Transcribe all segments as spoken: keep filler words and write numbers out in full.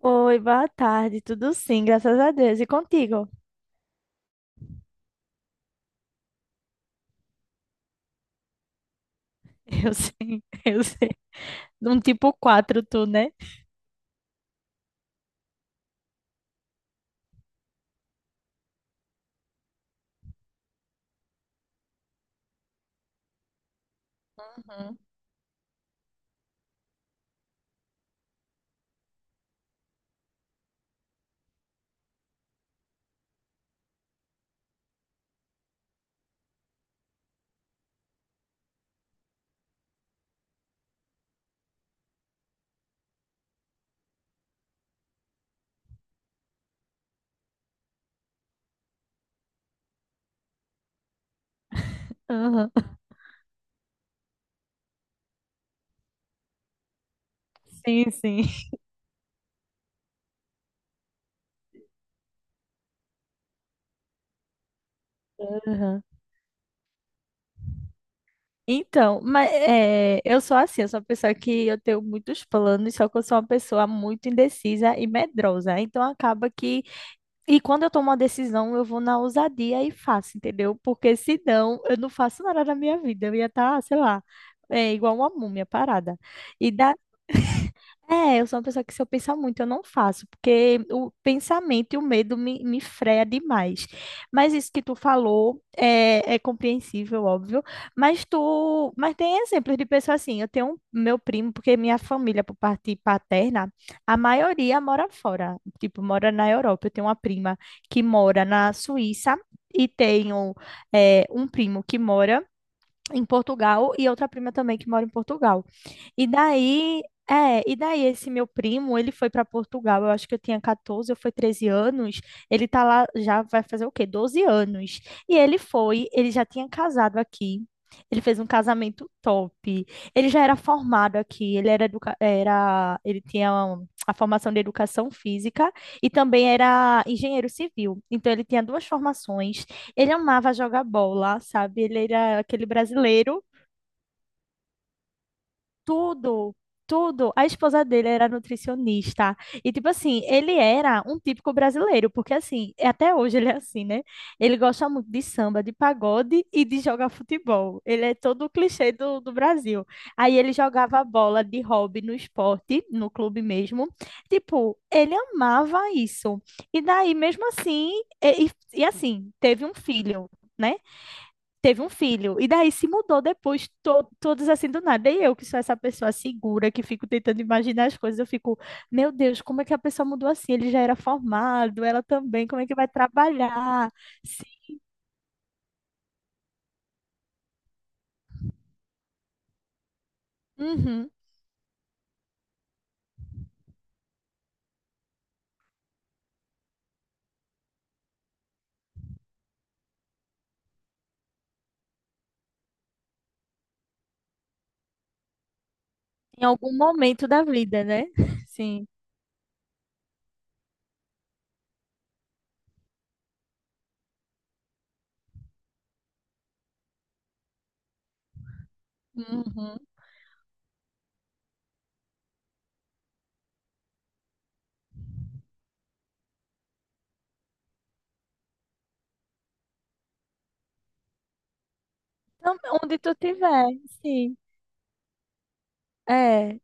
Oi, boa tarde. Tudo sim, graças a Deus. E contigo? Eu sim, eu sei. Um tipo quatro tu, né? Uhum. Aham. Sim, sim. Aham. Então, mas é, eu sou assim, eu sou uma pessoa que eu tenho muitos planos, só que eu sou uma pessoa muito indecisa e medrosa. Então acaba que. E quando eu tomo uma decisão, eu vou na ousadia e faço, entendeu? Porque senão eu não faço nada na minha vida. Eu ia estar, sei lá, é, igual uma múmia parada. E É, eu sou uma pessoa que se eu pensar muito, eu não faço, porque o pensamento e o medo me, me freia demais. Mas isso que tu falou é, é compreensível, óbvio. Mas tu, mas tem exemplos de pessoas assim. Eu tenho um, meu primo, porque minha família, por parte paterna, a maioria mora fora, tipo, mora na Europa. Eu tenho uma prima que mora na Suíça e tenho é, um primo que mora em Portugal e outra prima também que mora em Portugal. E daí, é, e daí esse meu primo, ele foi para Portugal, eu acho que eu tinha quatorze ou foi treze anos, ele tá lá já vai fazer o quê? doze anos. E ele foi, ele já tinha casado aqui. Ele fez um casamento top. Ele já era formado aqui, ele era, educa- era ele tinha um, a formação de educação física e também era engenheiro civil. Então ele tinha duas formações. Ele amava jogar bola, sabe? Ele era aquele brasileiro, tudo, tudo. A esposa dele era nutricionista. E, tipo assim, ele era um típico brasileiro, porque, assim, até hoje ele é assim, né? Ele gosta muito de samba, de pagode e de jogar futebol. Ele é todo o clichê do, do Brasil. Aí ele jogava bola de hobby no esporte, no clube mesmo. Tipo, ele amava isso. E daí, mesmo assim, e, e e, assim, teve um filho, né? Teve um filho. E daí se mudou depois, to- todos assim do nada. E eu, que sou essa pessoa segura, que fico tentando imaginar as coisas, eu fico, meu Deus, como é que a pessoa mudou assim? Ele já era formado, ela também, como é que vai trabalhar? Sim. Uhum. Em algum momento da vida, né? Sim. Uhum. Então, onde tu tiver, sim. É,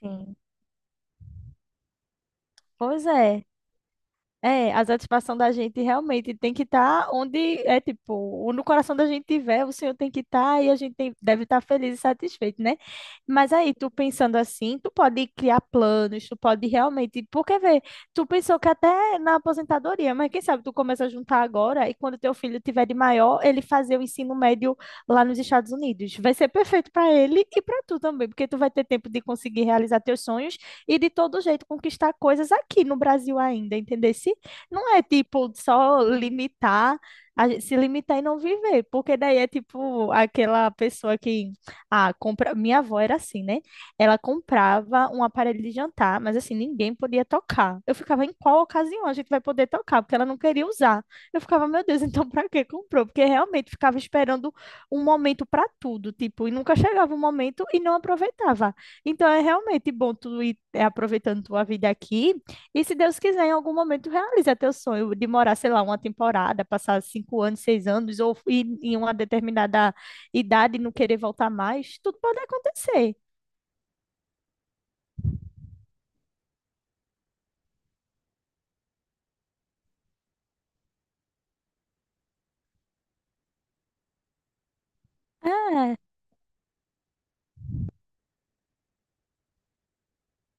sim. Pois é. É, a satisfação da gente realmente tem que estar onde é tipo, no coração da gente tiver, o Senhor tem que estar e a gente tem- deve estar feliz e satisfeito, né? Mas aí, tu pensando assim, tu pode criar planos, tu pode realmente, porque vê, tu pensou que até na aposentadoria, mas quem sabe tu começa a juntar agora e quando teu filho tiver de maior, ele fazer o ensino médio lá nos Estados Unidos. Vai ser perfeito para ele e para tu também, porque tu vai ter tempo de conseguir realizar teus sonhos e de todo jeito conquistar coisas aqui no Brasil ainda, entendeu? Não é tipo só limitar, a gente se limitar e não viver, porque daí é tipo aquela pessoa que ah, compra, minha avó era assim, né? Ela comprava um aparelho de jantar, mas assim, ninguém podia tocar. Eu ficava em qual ocasião a gente vai poder tocar, porque ela não queria usar. Eu ficava, meu Deus, então pra que comprou? Porque realmente ficava esperando um momento pra tudo, tipo, e nunca chegava o momento e não aproveitava. Então é realmente bom tu ir é, aproveitando tua vida aqui e se Deus quiser, em algum momento realiza teu sonho de morar, sei lá, uma temporada, passar cinco anos, seis anos, ou ir em uma determinada idade e não querer voltar mais, tudo pode acontecer. É,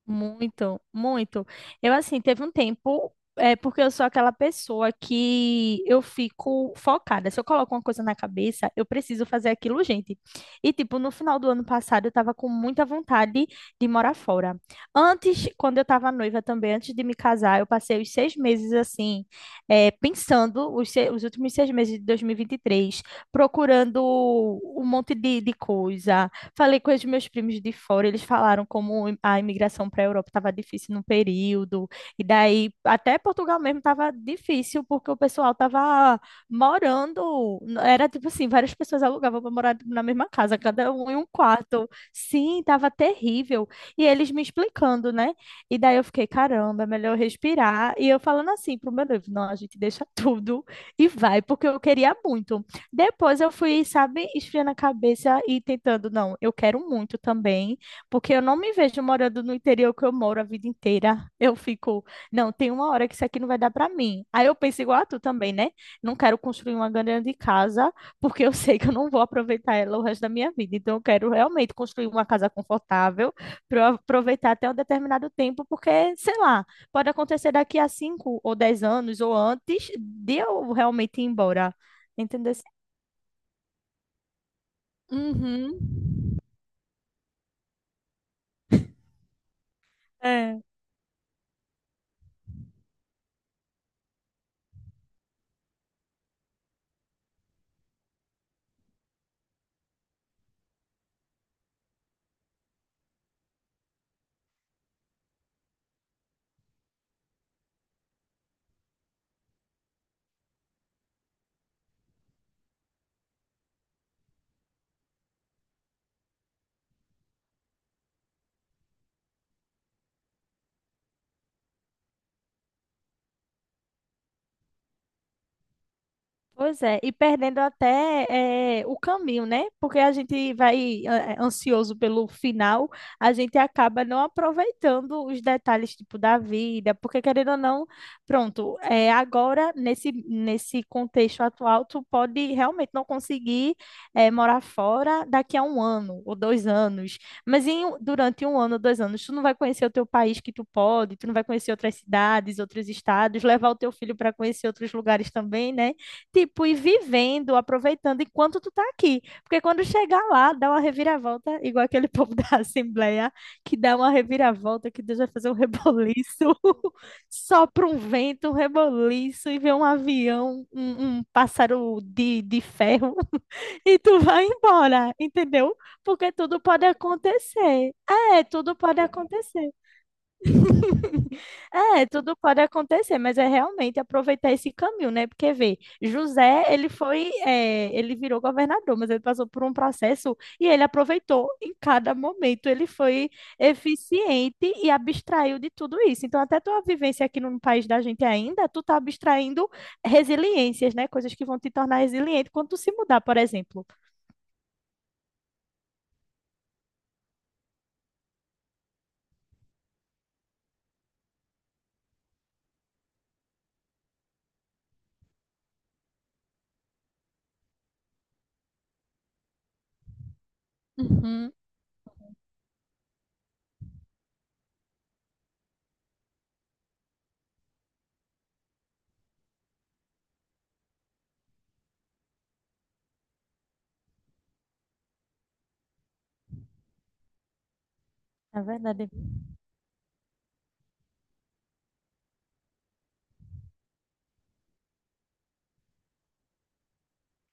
muito, muito. Eu, assim, teve um tempo, é, porque eu sou aquela pessoa que eu fico focada. Se eu coloco uma coisa na cabeça, eu preciso fazer aquilo, gente. E, tipo, no final do ano passado, eu tava com muita vontade de morar fora. Antes, quando eu tava noiva também, antes de me casar, eu passei os seis meses, assim, é, pensando, os, se- os últimos seis meses de dois mil e vinte e três, procurando um monte de, de coisa. Falei com os meus primos de fora, eles falaram como a imigração para a Europa estava difícil no período, e daí até Portugal mesmo estava difícil, porque o pessoal estava morando, era tipo assim, várias pessoas alugavam para morar na mesma casa, cada um em um quarto. Sim, estava terrível. E eles me explicando, né? E daí eu fiquei, caramba, é melhor respirar. E eu falando assim pro meu noivo, não, a gente deixa tudo e vai, porque eu queria muito. Depois eu fui, sabe, esfriando a cabeça e tentando, não, eu quero muito também, porque eu não me vejo morando no interior que eu moro a vida inteira. Eu fico, não, tem uma hora que isso aqui não vai dar para mim. Aí eu penso igual a tu também, né? Não quero construir uma grande casa, porque eu sei que eu não vou aproveitar ela o resto da minha vida. Então eu quero realmente construir uma casa confortável para eu aproveitar até um determinado tempo, porque, sei lá, pode acontecer daqui a cinco ou dez anos ou antes de eu realmente ir embora. Entendeu? Uhum. É. Pois é, e perdendo até eh, o caminho, né? Porque a gente vai eh, ansioso pelo final, a gente acaba não aproveitando os detalhes, tipo, da vida, porque querendo ou não, pronto, eh, agora, nesse, nesse contexto atual, tu pode realmente não conseguir eh, morar fora daqui a um ano ou dois anos, mas em um- durante um ano ou dois anos, tu não vai conhecer o teu país que tu pode, tu não vai conhecer outras cidades, outros estados, levar o teu filho para conhecer outros lugares também, né? Tipo, e vivendo, aproveitando enquanto tu tá aqui. Porque quando chegar lá, dá uma reviravolta, igual aquele povo da Assembleia, que dá uma reviravolta, que Deus vai fazer um reboliço, sopra um vento, um reboliço, e vê um avião, um, um pássaro de, de ferro, e tu vai embora, entendeu? Porque tudo pode acontecer. É, tudo pode acontecer. É, tudo pode acontecer, mas é realmente aproveitar esse caminho, né? Porque vê, José, ele foi, é, ele virou governador, mas ele passou por um processo e ele aproveitou em cada momento. Ele foi eficiente e abstraiu de tudo isso. Então, até tua vivência aqui no país da gente ainda, tu tá abstraindo resiliências, né? Coisas que vão te tornar resiliente quando tu se mudar, por exemplo. Uhum, é verdade.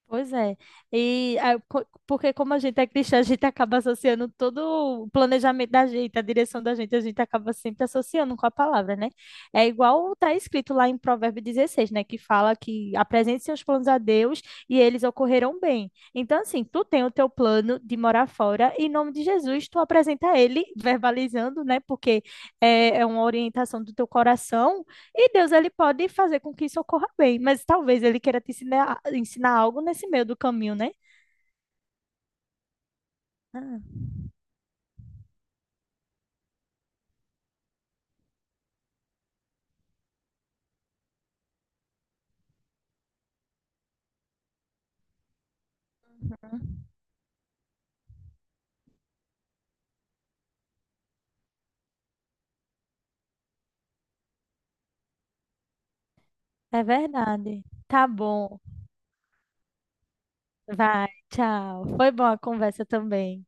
Pois é. E ah, co- porque como a gente é cristã, a gente acaba associando todo o planejamento da gente, a direção da gente, a gente acaba sempre associando com a palavra, né? É igual está escrito lá em Provérbio dezesseis, né? Que fala que apresente seus planos a Deus e eles ocorrerão bem. Então, assim, tu tem o teu plano de morar fora, e em nome de Jesus, tu apresenta ele, verbalizando, né? Porque é, é uma orientação do teu coração e Deus, ele pode fazer com que isso ocorra bem, mas talvez ele queira te ensinar, ensinar algo nesse meio do caminho, né? Ah, uhum. É verdade. Tá bom. Vai, tchau. Foi boa a conversa também.